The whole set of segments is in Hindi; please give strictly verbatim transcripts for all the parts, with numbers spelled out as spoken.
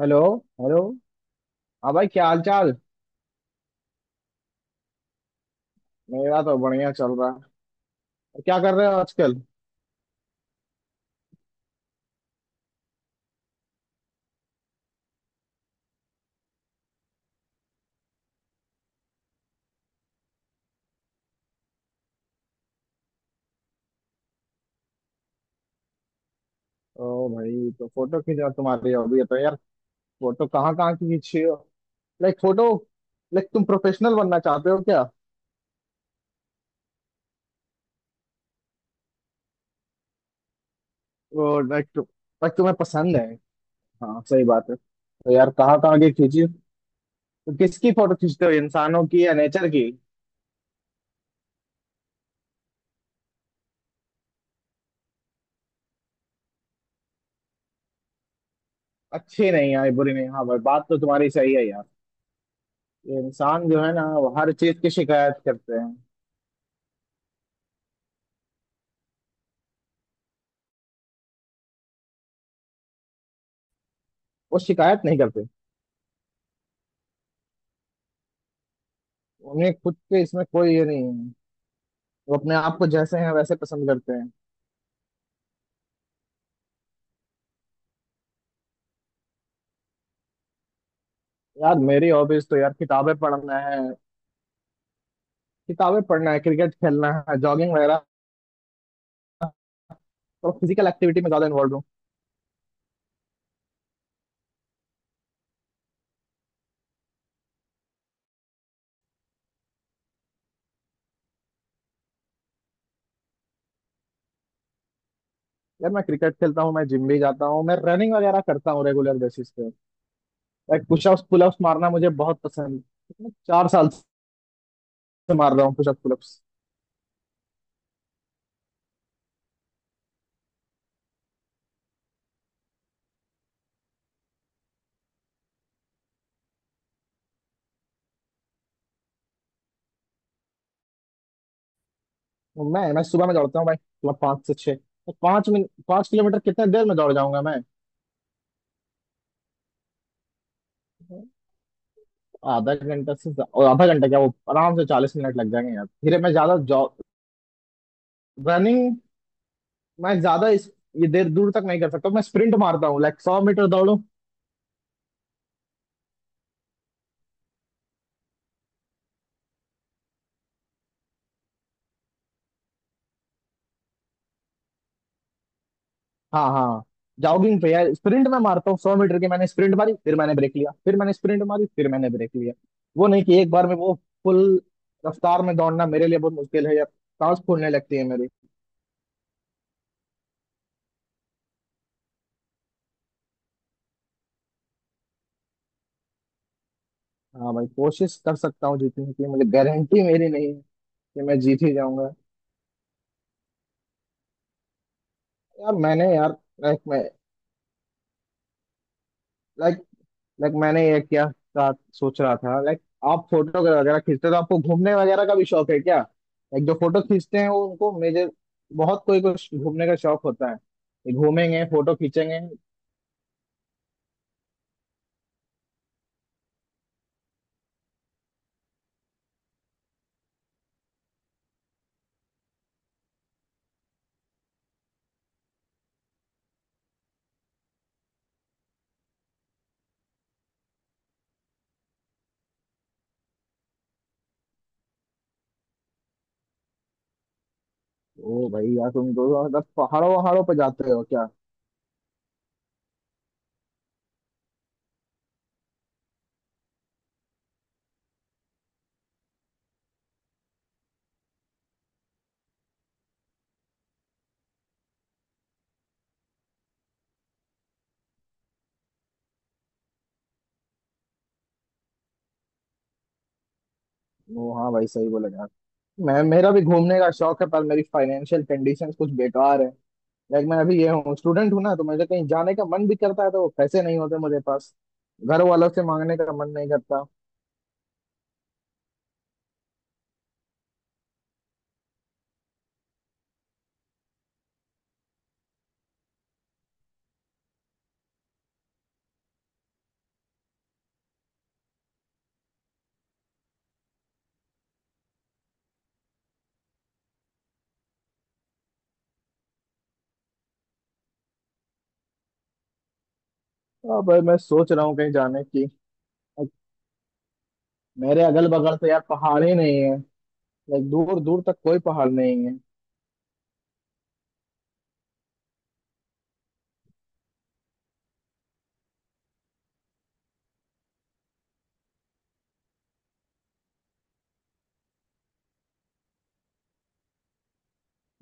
हेलो। हेलो। हाँ भाई, क्या हाल चाल। मेरा तो बढ़िया चल रहा है। और क्या कर रहे हो आजकल? ओ भाई, तो फोटो खींचना तुम्हारी हॉबी है तो यार फोटो कहाँ कहाँ की खींची हो? लाइक फोटो, लाइक तुम प्रोफेशनल बनना चाहते हो क्या? ओ लाइक तु, like तुम्हें पसंद है। हाँ सही बात है, तो यार कहाँ कहाँ की खींची? तो किसकी फोटो खींचते हो, इंसानों की या नेचर की? अच्छी नहीं आई, बुरी नहीं, हाँ भाई बात तो तुम्हारी सही है यार। ये इंसान जो है ना वो हर चीज की शिकायत करते हैं। वो शिकायत नहीं करते। उन्हें खुद के इसमें कोई ये नहीं है। वो अपने आप को जैसे हैं वैसे पसंद करते हैं। यार मेरी हॉबीज तो यार किताबें पढ़ना है। किताबें पढ़ना है, क्रिकेट खेलना है, जॉगिंग वगैरह। तो फिजिकल एक्टिविटी में ज्यादा इन्वॉल्व हूँ। यार मैं क्रिकेट खेलता हूँ, मैं जिम भी जाता हूँ, मैं रनिंग वगैरह करता हूँ रेगुलर बेसिस पे। लाइक पुशअप्स पुलअप्स मारना मुझे बहुत पसंद है। मैं चार साल से मार रहा हूँ पुशअप पुलअप्स। मैं मैं सुबह में दौड़ता हूँ भाई, मतलब पाँच से छः। तो पाँच मिनट, पाँच किलोमीटर कितने देर में दौड़ जाऊंगा मैं? आधा घंटा से ज्या- और आधा घंटा क्या, वो आराम से चालीस मिनट लग जाएंगे यार, फिर मैं ज्यादा जॉग रनिंग मैं ज्यादा इस ये देर दूर तक नहीं कर सकता। मैं स्प्रिंट मारता हूँ लाइक सौ मीटर दौड़ू। हाँ हाँ। जॉगिंग पे यार स्प्रिंट मैं मारता हूँ, सौ मीटर की मैंने स्प्रिंट मारी, फिर मैंने ब्रेक लिया, फिर मैंने स्प्रिंट मारी, फिर मैंने ब्रेक लिया। वो नहीं कि एक बार में वो फुल रफ्तार में दौड़ना मेरे लिए बहुत मुश्किल है यार, सांस फूलने लगती है मेरी। हाँ भाई, कोशिश कर सकता हूँ जीतने की, मुझे गारंटी मेरी नहीं है कि मैं जीत ही जाऊंगा। यार मैंने यार, लाइक मैं, लाइक, लाइक मैंने ये क्या था, सोच रहा था, लाइक आप फोटो वगैरह खींचते हो तो आपको घूमने वगैरह का भी शौक है क्या? लाइक जो फोटो खींचते हैं वो उनको मेजर, बहुत कोई को घूमने का शौक होता है, ये घूमेंगे फोटो खींचेंगे। ओ भाई यार तुम दो मतलब पहाड़ों वहाड़ों पे जाते हो क्या? ओ हाँ भाई, सही बोले यार। मैं, मेरा भी घूमने का शौक है पर मेरी फाइनेंशियल कंडीशंस कुछ बेकार है। लाइक मैं अभी ये हूँ, स्टूडेंट हूँ ना, तो मुझे कहीं जाने का मन भी करता है तो पैसे नहीं होते मुझे पास। घर वालों से मांगने का मन नहीं करता। अब भाई मैं सोच रहा हूँ कहीं जाने की। Like, मेरे अगल बगल तो यार पहाड़ ही नहीं है। लाइक दूर दूर तक कोई पहाड़ नहीं है।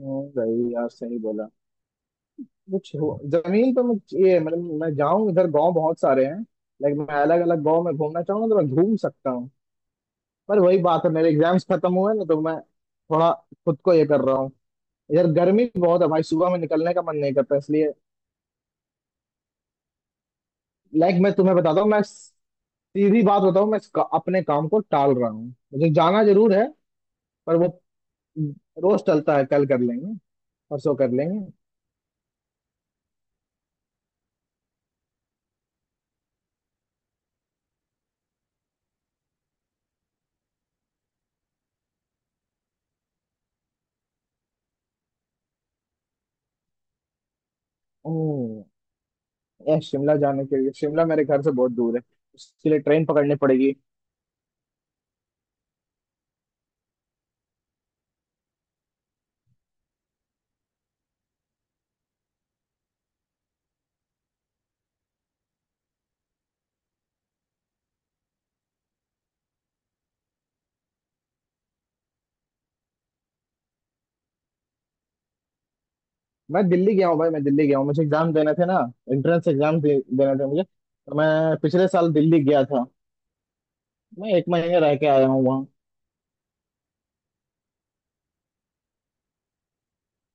हम्म, भाई यार सही बोला। कुछ हो- जमीन पे मैं, ये मतलब मैं जाऊं इधर गांव बहुत सारे हैं। लाइक मैं अलग अलग गांव में घूमना चाहूंगा तो मैं घूम सकता हूँ। पर वही बात है, मेरे एग्जाम्स खत्म हुए ना तो मैं थोड़ा खुद को ये कर रहा हूँ। इधर गर्मी भी बहुत है भाई, सुबह में निकलने का मन नहीं करता इसलिए। लाइक मैं तुम्हें बताता हूँ, मैं सीधी बात बताऊँ, मैं इसका- अपने काम को टाल रहा हूँ। मुझे जाना जरूर है पर वो रोज टलता है, कल कर लेंगे, परसों कर लेंगे। ओ यार शिमला जाने के लिए, शिमला मेरे घर से बहुत दूर है, उसके लिए ट्रेन पकड़नी पड़ेगी। मैं दिल्ली गया हूँ भाई, मैं दिल्ली गया हूँ, मुझे एग्जाम देने थे ना। एंट्रेंस एग्जाम दे, देने थे मुझे, तो मैं पिछले साल दिल्ली गया था। मैं एक महीने रह के आया हूँ वहाँ।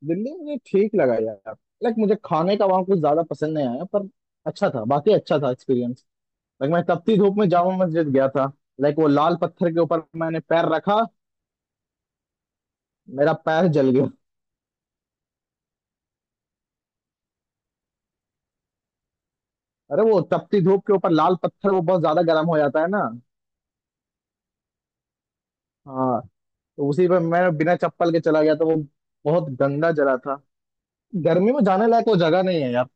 दिल्ली मुझे ठीक लगा यार। लाइक मुझे खाने का वहाँ कुछ ज्यादा पसंद नहीं आया, पर अच्छा था, बाकी अच्छा था एक्सपीरियंस। लाइक मैं तपती धूप में जामा मस्जिद गया था। लाइक वो लाल पत्थर के ऊपर मैंने पैर रखा, मेरा पैर जल गया। अरे वो तपती धूप के ऊपर लाल पत्थर वो बहुत ज्यादा गर्म हो जाता है ना। हाँ, तो उसी पे मैं बिना चप्पल के चला गया, तो वो बहुत गंदा जगह था, गर्मी में जाने लायक वो जगह नहीं है यार।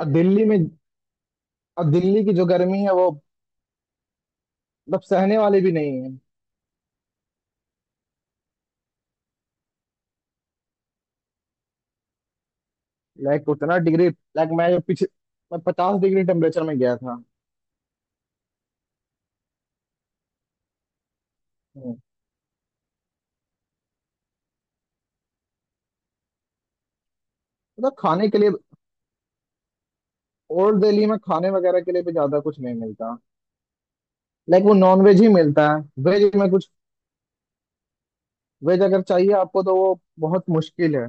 और दिल्ली में, और दिल्ली की जो गर्मी है वो मतलब सहने वाली भी नहीं है। लाइक उतना डिग्री, लाइक मैं जो पीछे, मैं पचास डिग्री टेम्परेचर में गया था। हम्म। मतलब खाने के लिए, ओल्ड दिल्ली में खाने वगैरह के लिए भी ज्यादा कुछ नहीं मिलता। लाइक वो नॉन वेज ही मिलता है। वेज में कुछ, वेज अगर चाहिए आपको तो वो बहुत मुश्किल है।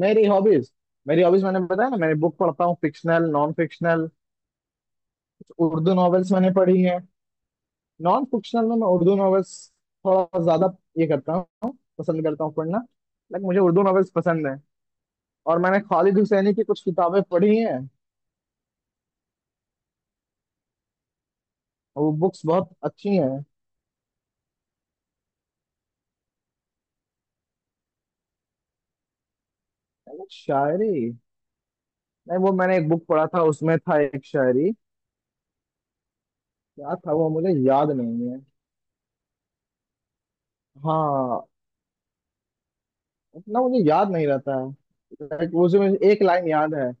मेरी हॉबीज, मेरी हॉबीज मैंने बताया ना, मैं बुक पढ़ता हूँ, fictional non fictional. Urdu novels मैंने पढ़ी हैं। नॉन फिक्शनल में मैं उर्दू नॉवेल्स थोड़ा ज्यादा ये करता हूँ, पसंद करता हूँ पढ़ना। लाइक मुझे उर्दू नॉवेल्स पसंद है। और मैंने खालिद हुसैनी की कुछ किताबें पढ़ी हैं। वो बुक्स बहुत अच्छी हैं। मैंने शायरी नहीं, वो मैंने एक बुक पढ़ा था, उसमें था एक शायरी। क्या था वो मुझे याद नहीं है। हाँ उतना मुझे याद नहीं रहता है। लाइक उसमें एक लाइन याद है।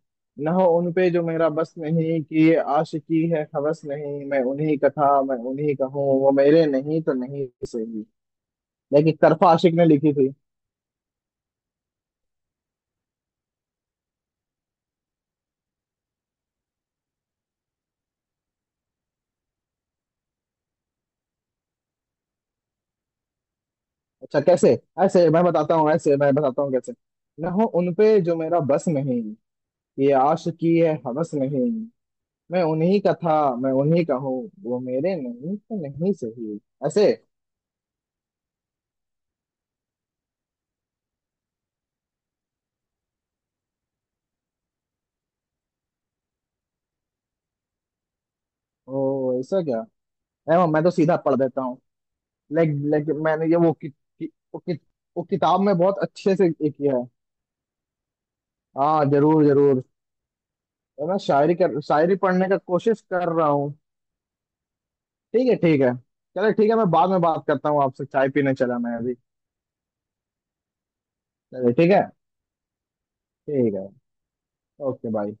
न हो उन पे जो मेरा बस नहीं, कि आशिकी है हवस नहीं, मैं उन्हीं का था, मैं उन्हीं का हूँ, वो मेरे नहीं तो नहीं सही। लेकिन तरफा आशिक ने लिखी थी। अच्छा कैसे? ऐसे मैं बताता हूँ, ऐसे मैं बताता हूँ कैसे। न हो उन पे जो मेरा बस नहीं, कि आशिकी है हवस नहीं, मैं उन्हीं का था, मैं उन्हीं का हूँ, वो मेरे नहीं तो नहीं सही। ऐसे। ओ ऐसा क्या, ए, मैं तो सीधा पढ़ देता हूँ। लाइक, लाइक मैंने ये वो कि, कि, वो, कि, वो किताब में बहुत अच्छे से ये किया है। हाँ जरूर जरूर। मैं शायरी कर शायरी पढ़ने का कोशिश कर रहा हूँ। ठीक है ठीक है। चलो ठीक है, मैं बाद में बात करता हूँ आपसे, चाय पीने चला मैं अभी। चलो ठीक है। ठीक है। Okay bye.